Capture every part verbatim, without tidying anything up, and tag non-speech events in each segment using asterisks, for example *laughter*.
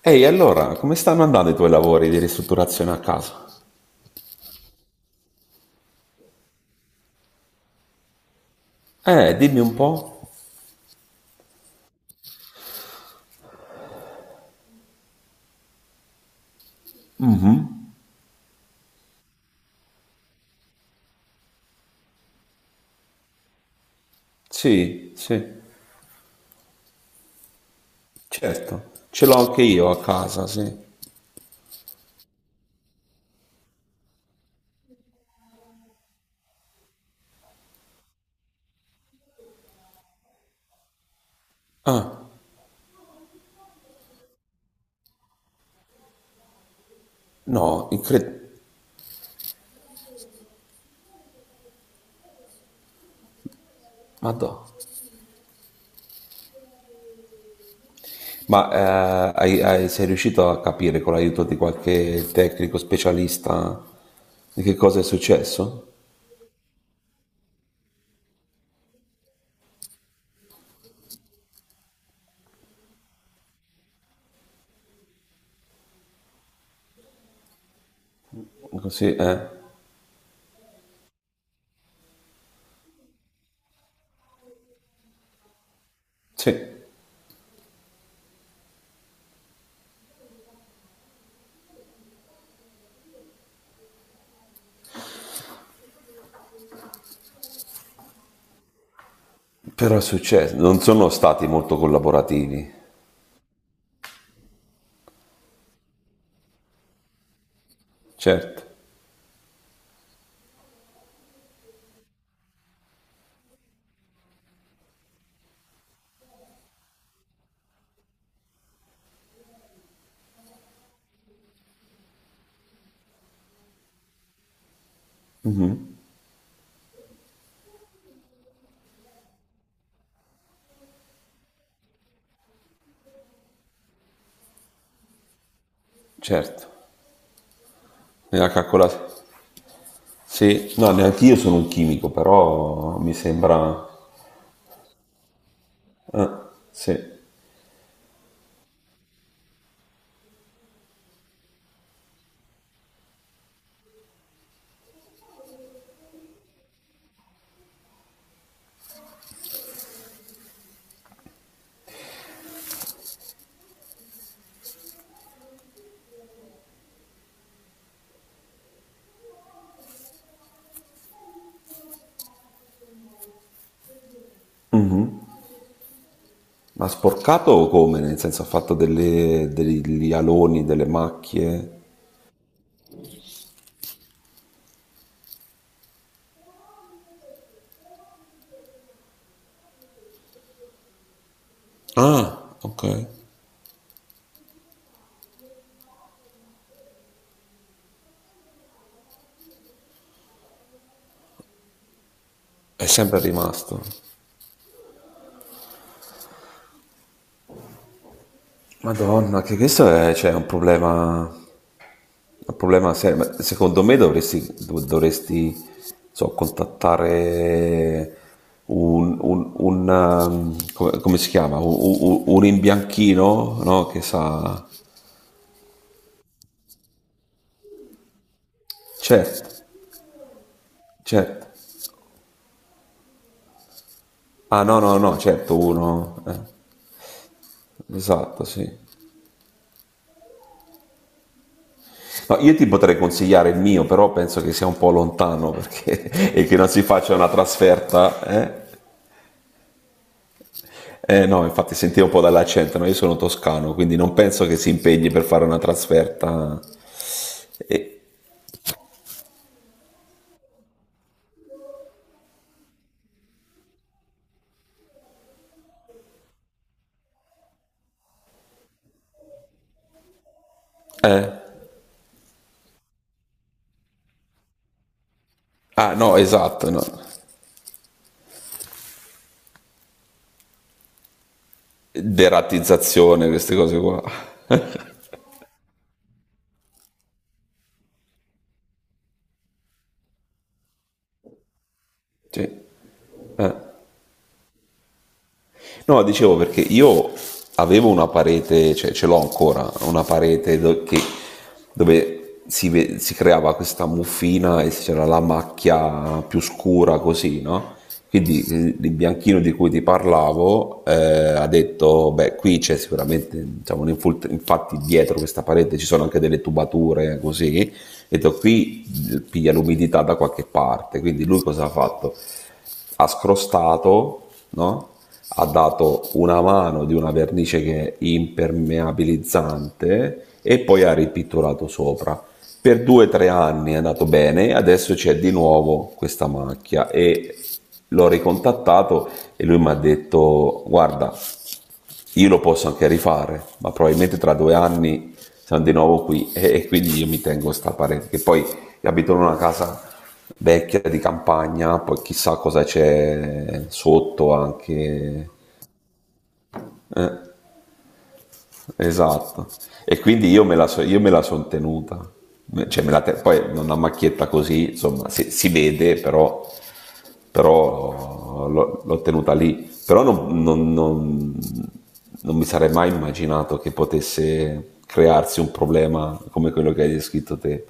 Ehi, allora, come stanno andando i tuoi lavori di ristrutturazione a casa? Eh, dimmi un po'. Sì, sì, certo. Ce l'ho anche io a casa, sì. Ah, no, incredibile. Madonna. Ma eh, hai- hai- sei riuscito a capire con l'aiuto di qualche tecnico specialista di che cosa è successo? Così, eh? Sì, però è successo. Non sono stati molto collaborativi. Certo, certo. Mi ha calcolato. Sì, no, neanche io sono un chimico, però mi sembra... Sì. Ma sporcato o come? Nel senso ha fatto delle- degli aloni, delle macchie? Ah, ok. È sempre rimasto. Madonna, che questo è, cioè, un problema, un problema serio. Ma secondo me dovresti, dov- dovresti, so, contattare un, un- un, um, come, come si chiama? Un, un- un imbianchino, no? Che sa... Certo, certo. Ah no, no, no, certo, uno. eh, esatto, sì. No, io ti potrei consigliare il mio, però penso che sia un po' lontano perché, *laughs* e che non si faccia una trasferta. Eh? Eh, no, infatti sentivo un po' dall'accento, no? Io sono toscano, quindi non penso che si impegni per fare una trasferta. E- eh. Ah no, esatto, no. Deratizzazione, queste cose qua. Sì. eh. No, dicevo perché io avevo una parete, cioè ce l'ho ancora, una parete do- che- dove si, ve- si creava questa muffina e c'era la macchia più scura così, no? Quindi il il bianchino di cui ti parlavo eh, ha detto, beh, qui c'è sicuramente, diciamo, un infult- infatti dietro questa parete ci sono anche delle tubature così, e detto qui eh, piglia l'umidità da qualche parte, quindi lui cosa ha fatto? Ha scrostato, no? Ha dato una mano di una vernice che è impermeabilizzante e poi ha ripitturato sopra. Per due o tre anni è andato bene, adesso c'è di nuovo questa macchia e l'ho ricontattato e lui mi ha detto guarda io lo posso anche rifare, ma probabilmente tra due anni siamo di nuovo qui *laughs* e, e quindi io mi tengo sta parete, che poi abito in una casa vecchia di campagna, poi chissà cosa c'è sotto anche. Eh, esatto. E quindi io me la, so- io me la sono tenuta. Cioè, me la te- poi una macchietta così, insomma, si, si vede, però però l'ho, l'ho tenuta lì. Però non, non- non- non mi sarei mai immaginato che potesse crearsi un problema come quello che hai descritto te.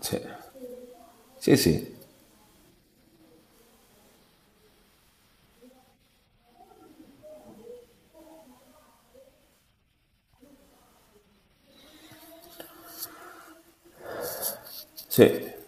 Sì, sì, sì, sì. E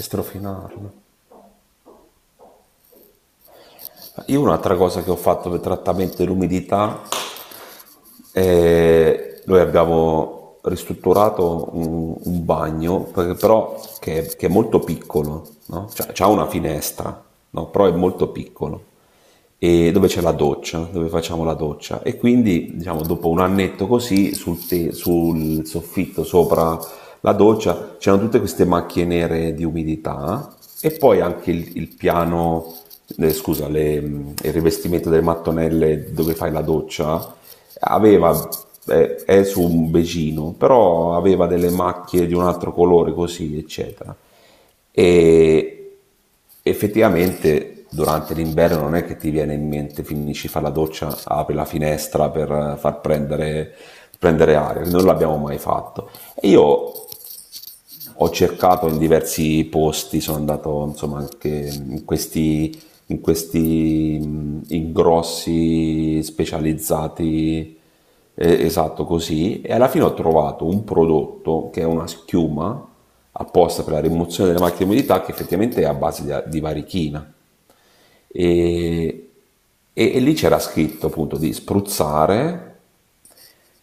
strofinarlo. Io un'altra cosa che ho fatto per trattamento dell'umidità. E noi abbiamo ristrutturato un, un bagno, perché però che, che è molto piccolo, no? Cioè, c'ha una finestra, no? Però è molto piccolo e dove c'è la doccia, dove facciamo la doccia e quindi diciamo dopo un annetto così sul, te- sul soffitto sopra la doccia c'erano tutte queste macchie nere di umidità e poi anche il, il piano, eh, scusa, le- il rivestimento delle mattonelle dove fai la doccia aveva, eh, è su un becino, però aveva delle macchie di un altro colore così, eccetera. E effettivamente durante l'inverno non è che ti viene in mente, finisci, fare la doccia, apri la finestra per far prendere, prendere aria, non l'abbiamo mai fatto. E io ho cercato in diversi posti, sono andato insomma anche in questi in questi mh, ingrossi specializzati, eh, esatto così, e alla fine ho trovato un prodotto che è una schiuma apposta per la rimozione delle macchie di umidità che effettivamente è a base di, di varichina. E, e- e lì c'era scritto appunto di spruzzare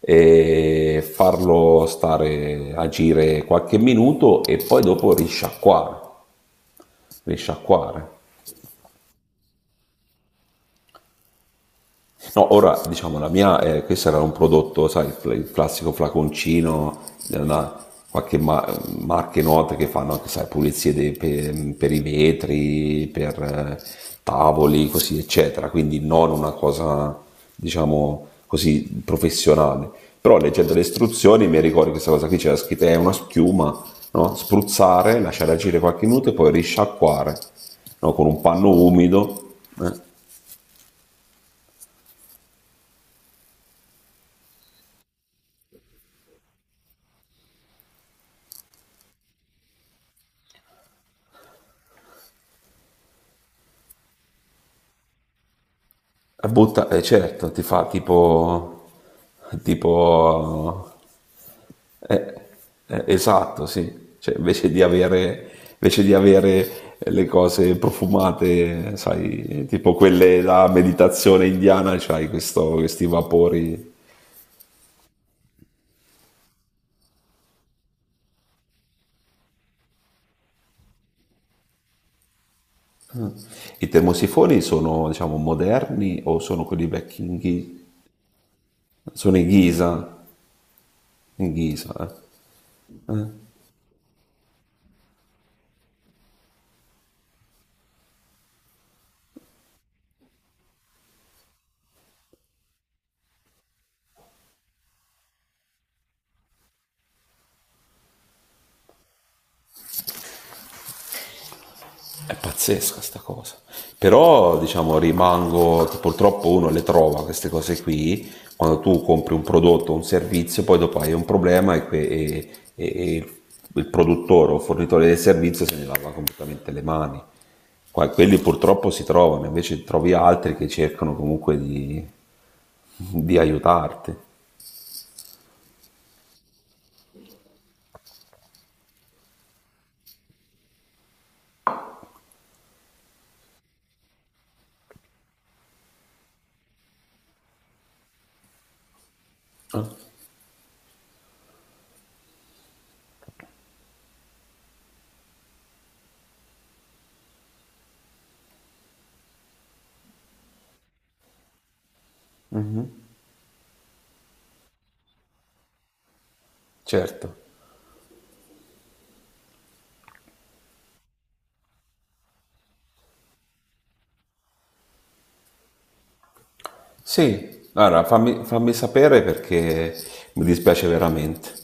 e farlo stare agire qualche minuto e poi dopo risciacquare, risciacquare. No, ora diciamo la mia, eh, questo era un prodotto, sai, il, fl- il classico flaconcino, eh, una- qualche ma- marche note che fanno anche, sai, pulizie dei- per, per i vetri, per eh, tavoli, così, eccetera. Quindi non una cosa, diciamo, così professionale. Però leggendo le istruzioni mi ricordo che questa cosa qui c'era scritta, è una schiuma, no? Spruzzare, lasciare agire qualche minuto e poi risciacquare, no? Con un panno umido. Eh. A butta, eh, certo, ti fa tipo, tipo, eh, eh, esatto, sì, cioè, invece di avere, invece di avere le cose profumate, sai, tipo quelle la meditazione indiana, c'hai questo- questi vapori. I termosifoni sono, diciamo, moderni o sono quelli vecchi in Ghi- Sono in ghisa, in ghisa, eh. È pazzesca sta cosa. Però, diciamo, rimango, che purtroppo uno le trova queste cose qui, quando tu compri un prodotto o un servizio, poi dopo hai un problema e, que- e- e- e il produttore o fornitore del servizio se ne lava completamente le mani. Qua- Quelli purtroppo si trovano, invece trovi altri che cercano comunque di, di aiutarti. Certo. Sì, allora fammi, fammi sapere perché mi dispiace veramente.